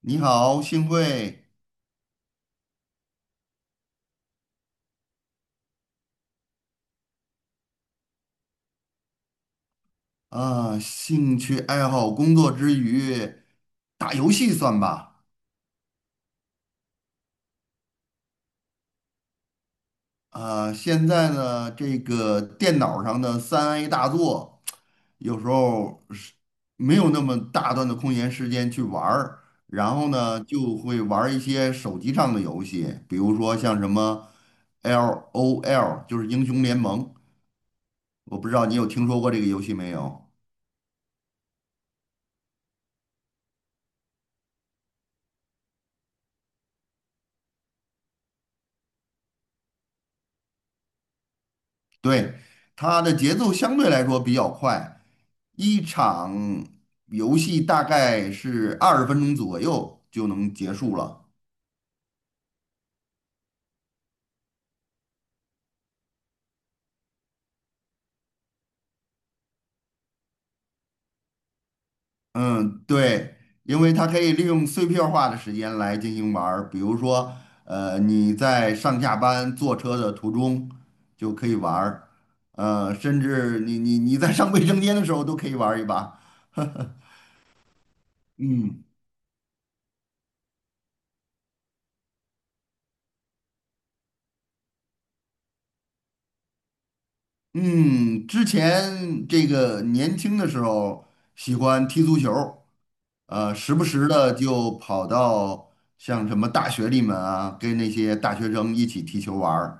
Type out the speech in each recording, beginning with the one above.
你好，幸会啊，兴趣爱好，工作之余打游戏算吧。啊，现在呢，这个电脑上的3A 大作，有时候是没有那么大段的空闲时间去玩儿，然后呢，就会玩儿一些手机上的游戏，比如说像什么 LOL，就是英雄联盟，我不知道你有听说过这个游戏没有？对，它的节奏相对来说比较快，一场游戏大概是20 分钟左右就能结束了。嗯，对，因为它可以利用碎片化的时间来进行玩儿，比如说，你在上下班坐车的途中就可以玩儿，甚至你在上卫生间的时候都可以玩儿一把。嗯嗯，之前这个年轻的时候喜欢踢足球，时不时的就跑到像什么大学里面啊，跟那些大学生一起踢球玩儿，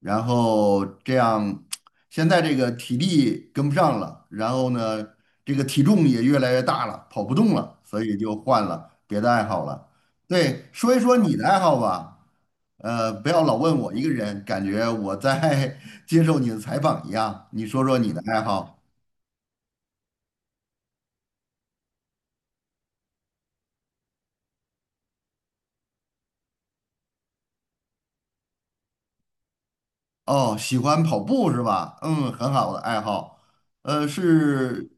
然后这样，现在这个体力跟不上了，然后呢，这个体重也越来越大了，跑不动了，所以就换了别的爱好了。对，说一说你的爱好吧，不要老问我一个人，感觉我在 接受你的采访一样，你说说你的爱好。哦，喜欢跑步是吧？嗯，很好的爱好。是，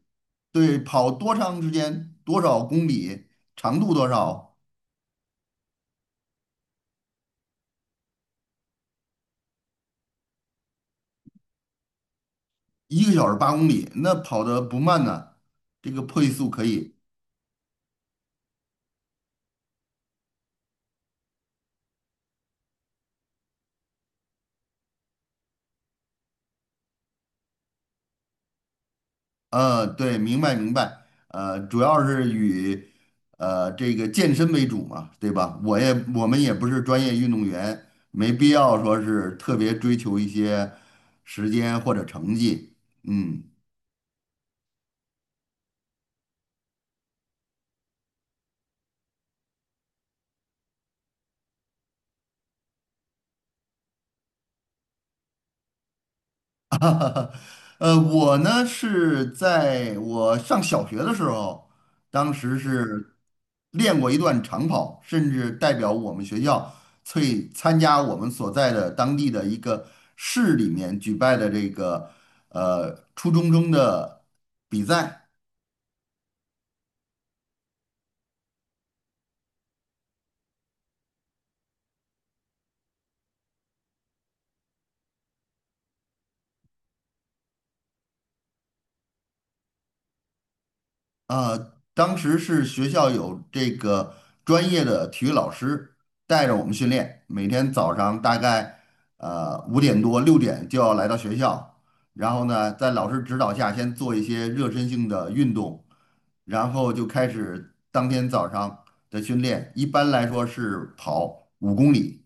对，跑多长时间？多少公里？长度多少？1 个小时 8 公里，那跑的不慢呢，这个配速可以。对，明白明白。主要是以这个健身为主嘛，对吧？我们也不是专业运动员，没必要说是特别追求一些时间或者成绩。嗯。我呢是在我上小学的时候，当时是练过一段长跑，甚至代表我们学校去参加我们所在的当地的一个市里面举办的这个初中生的比赛。当时是学校有这个专业的体育老师带着我们训练，每天早上大概5 点多 6 点就要来到学校，然后呢，在老师指导下先做一些热身性的运动，然后就开始当天早上的训练。一般来说是跑5 公里，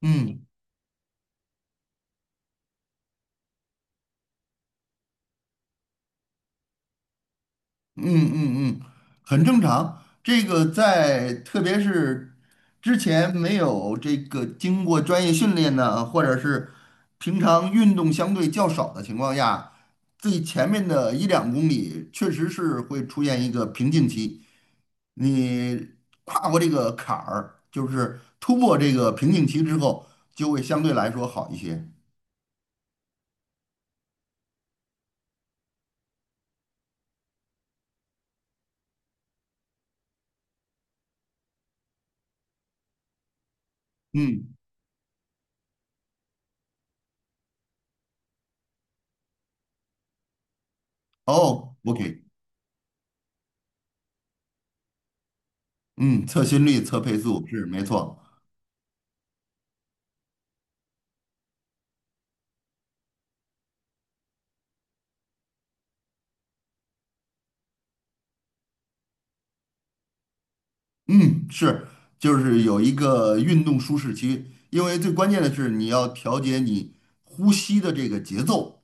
嗯，嗯嗯嗯，很正常。这个在特别是之前没有这个经过专业训练呢，或者是平常运动相对较少的情况下，最前面的一两公里确实是会出现一个瓶颈期。你跨过这个坎儿，就是突破这个瓶颈期之后，就会相对来说好一些。嗯，哦，OK，嗯，测心率、测配速是没错。嗯，是，就是有一个运动舒适区，因为最关键的是你要调节你呼吸的这个节奏，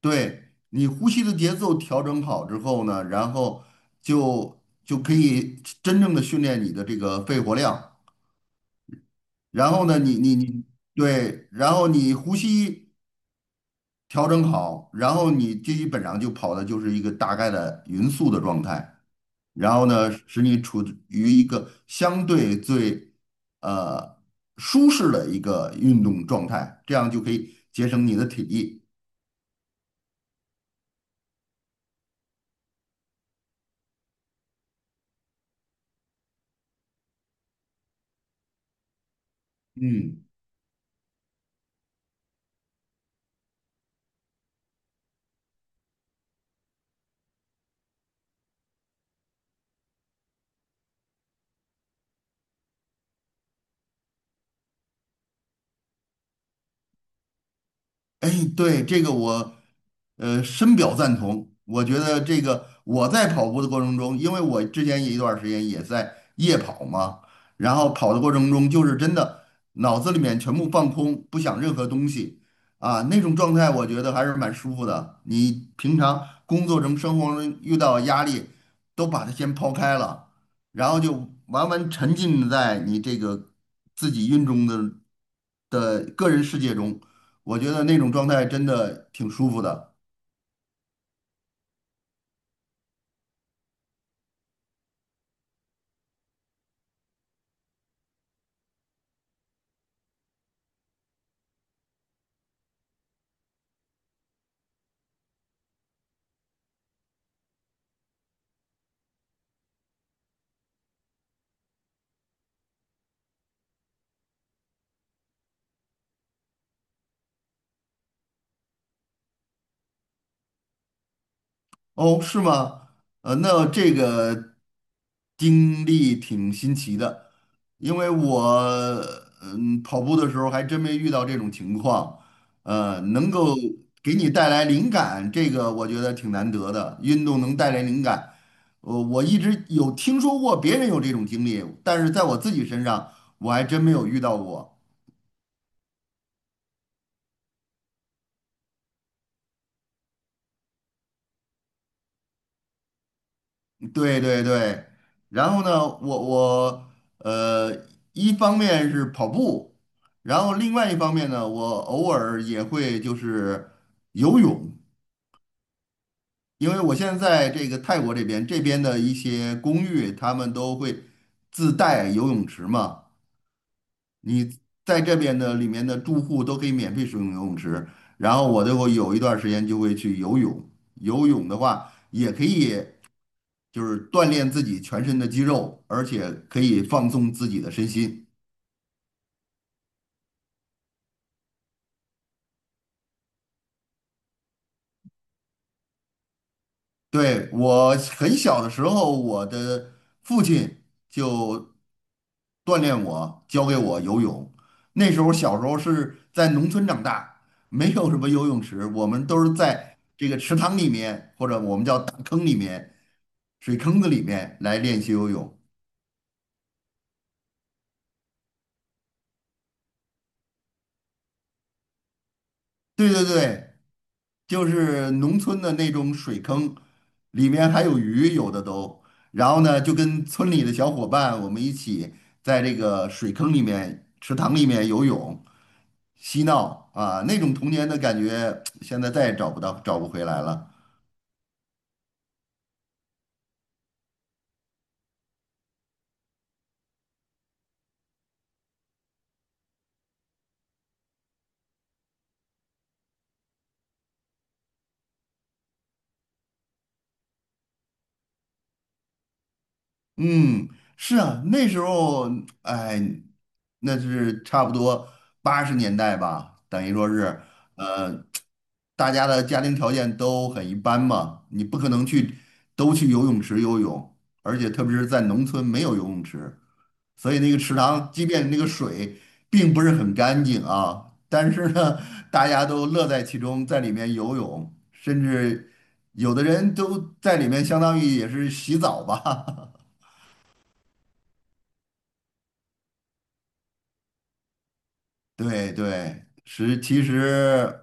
对，你呼吸的节奏调整好之后呢，然后就就可以真正的训练你的这个肺活量，然后呢，你你你对，然后你呼吸。调整好，然后你基本上就跑的就是一个大概的匀速的状态，然后呢，使你处于一个相对最呃舒适的一个运动状态，这样就可以节省你的体力。嗯。哎，对，这个我，深表赞同。我觉得这个我在跑步的过程中，因为我之前有一段儿时间也在夜跑嘛，然后跑的过程中就是真的脑子里面全部放空，不想任何东西啊，那种状态我觉得还是蛮舒服的。你平常工作中、生活中遇到压力，都把它先抛开了，然后就完沉浸在你这个自己运动的个人世界中。我觉得那种状态真的挺舒服的。哦，是吗？那这个经历挺新奇的，因为我跑步的时候还真没遇到这种情况。能够给你带来灵感，这个我觉得挺难得的。运动能带来灵感，我一直有听说过别人有这种经历，但是在我自己身上我还真没有遇到过。对对对，然后呢，我呃，一方面是跑步，然后另外一方面呢，我偶尔也会就是游泳，因为我现在在这个泰国这边，这边的一些公寓他们都会自带游泳池嘛，你在这边的里面的住户都可以免费使用游泳池，然后我就会有一段时间就会去游泳，游泳的话也可以。就是锻炼自己全身的肌肉，而且可以放松自己的身心。对，我很小的时候，我的父亲就锻炼我，教给我游泳。那时候小时候是在农村长大，没有什么游泳池，我们都是在这个池塘里面，或者我们叫大坑里面、水坑子里面来练习游泳。对对对，就是农村的那种水坑，里面还有鱼，有的都。然后呢，就跟村里的小伙伴，我们一起在这个水坑里面、池塘里面游泳、嬉闹啊，那种童年的感觉，现在再也找不到，找不回来了。嗯，是啊，那时候，哎，那是差不多80 年代吧，等于说是，呃，大家的家庭条件都很一般嘛，你不可能去都去游泳池游泳，而且特别是在农村没有游泳池，所以那个池塘，即便那个水并不是很干净啊，但是呢，大家都乐在其中，在里面游泳，甚至有的人都在里面相当于也是洗澡吧。对对，是其实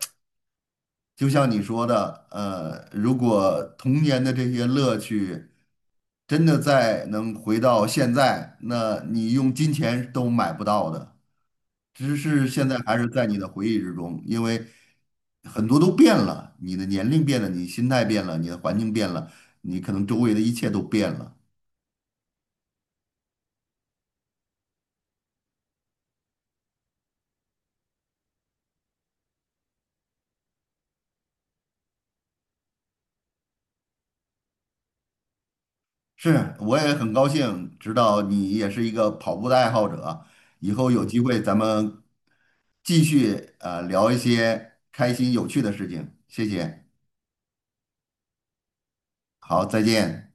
就像你说的，如果童年的这些乐趣真的再能回到现在，那你用金钱都买不到的，只是现在还是在你的回忆之中，因为很多都变了，你的年龄变了，你心态变了，你的环境变了，你可能周围的一切都变了。是，我也很高兴知道你也是一个跑步的爱好者。以后有机会咱们继续聊一些开心有趣的事情。谢谢，好，再见。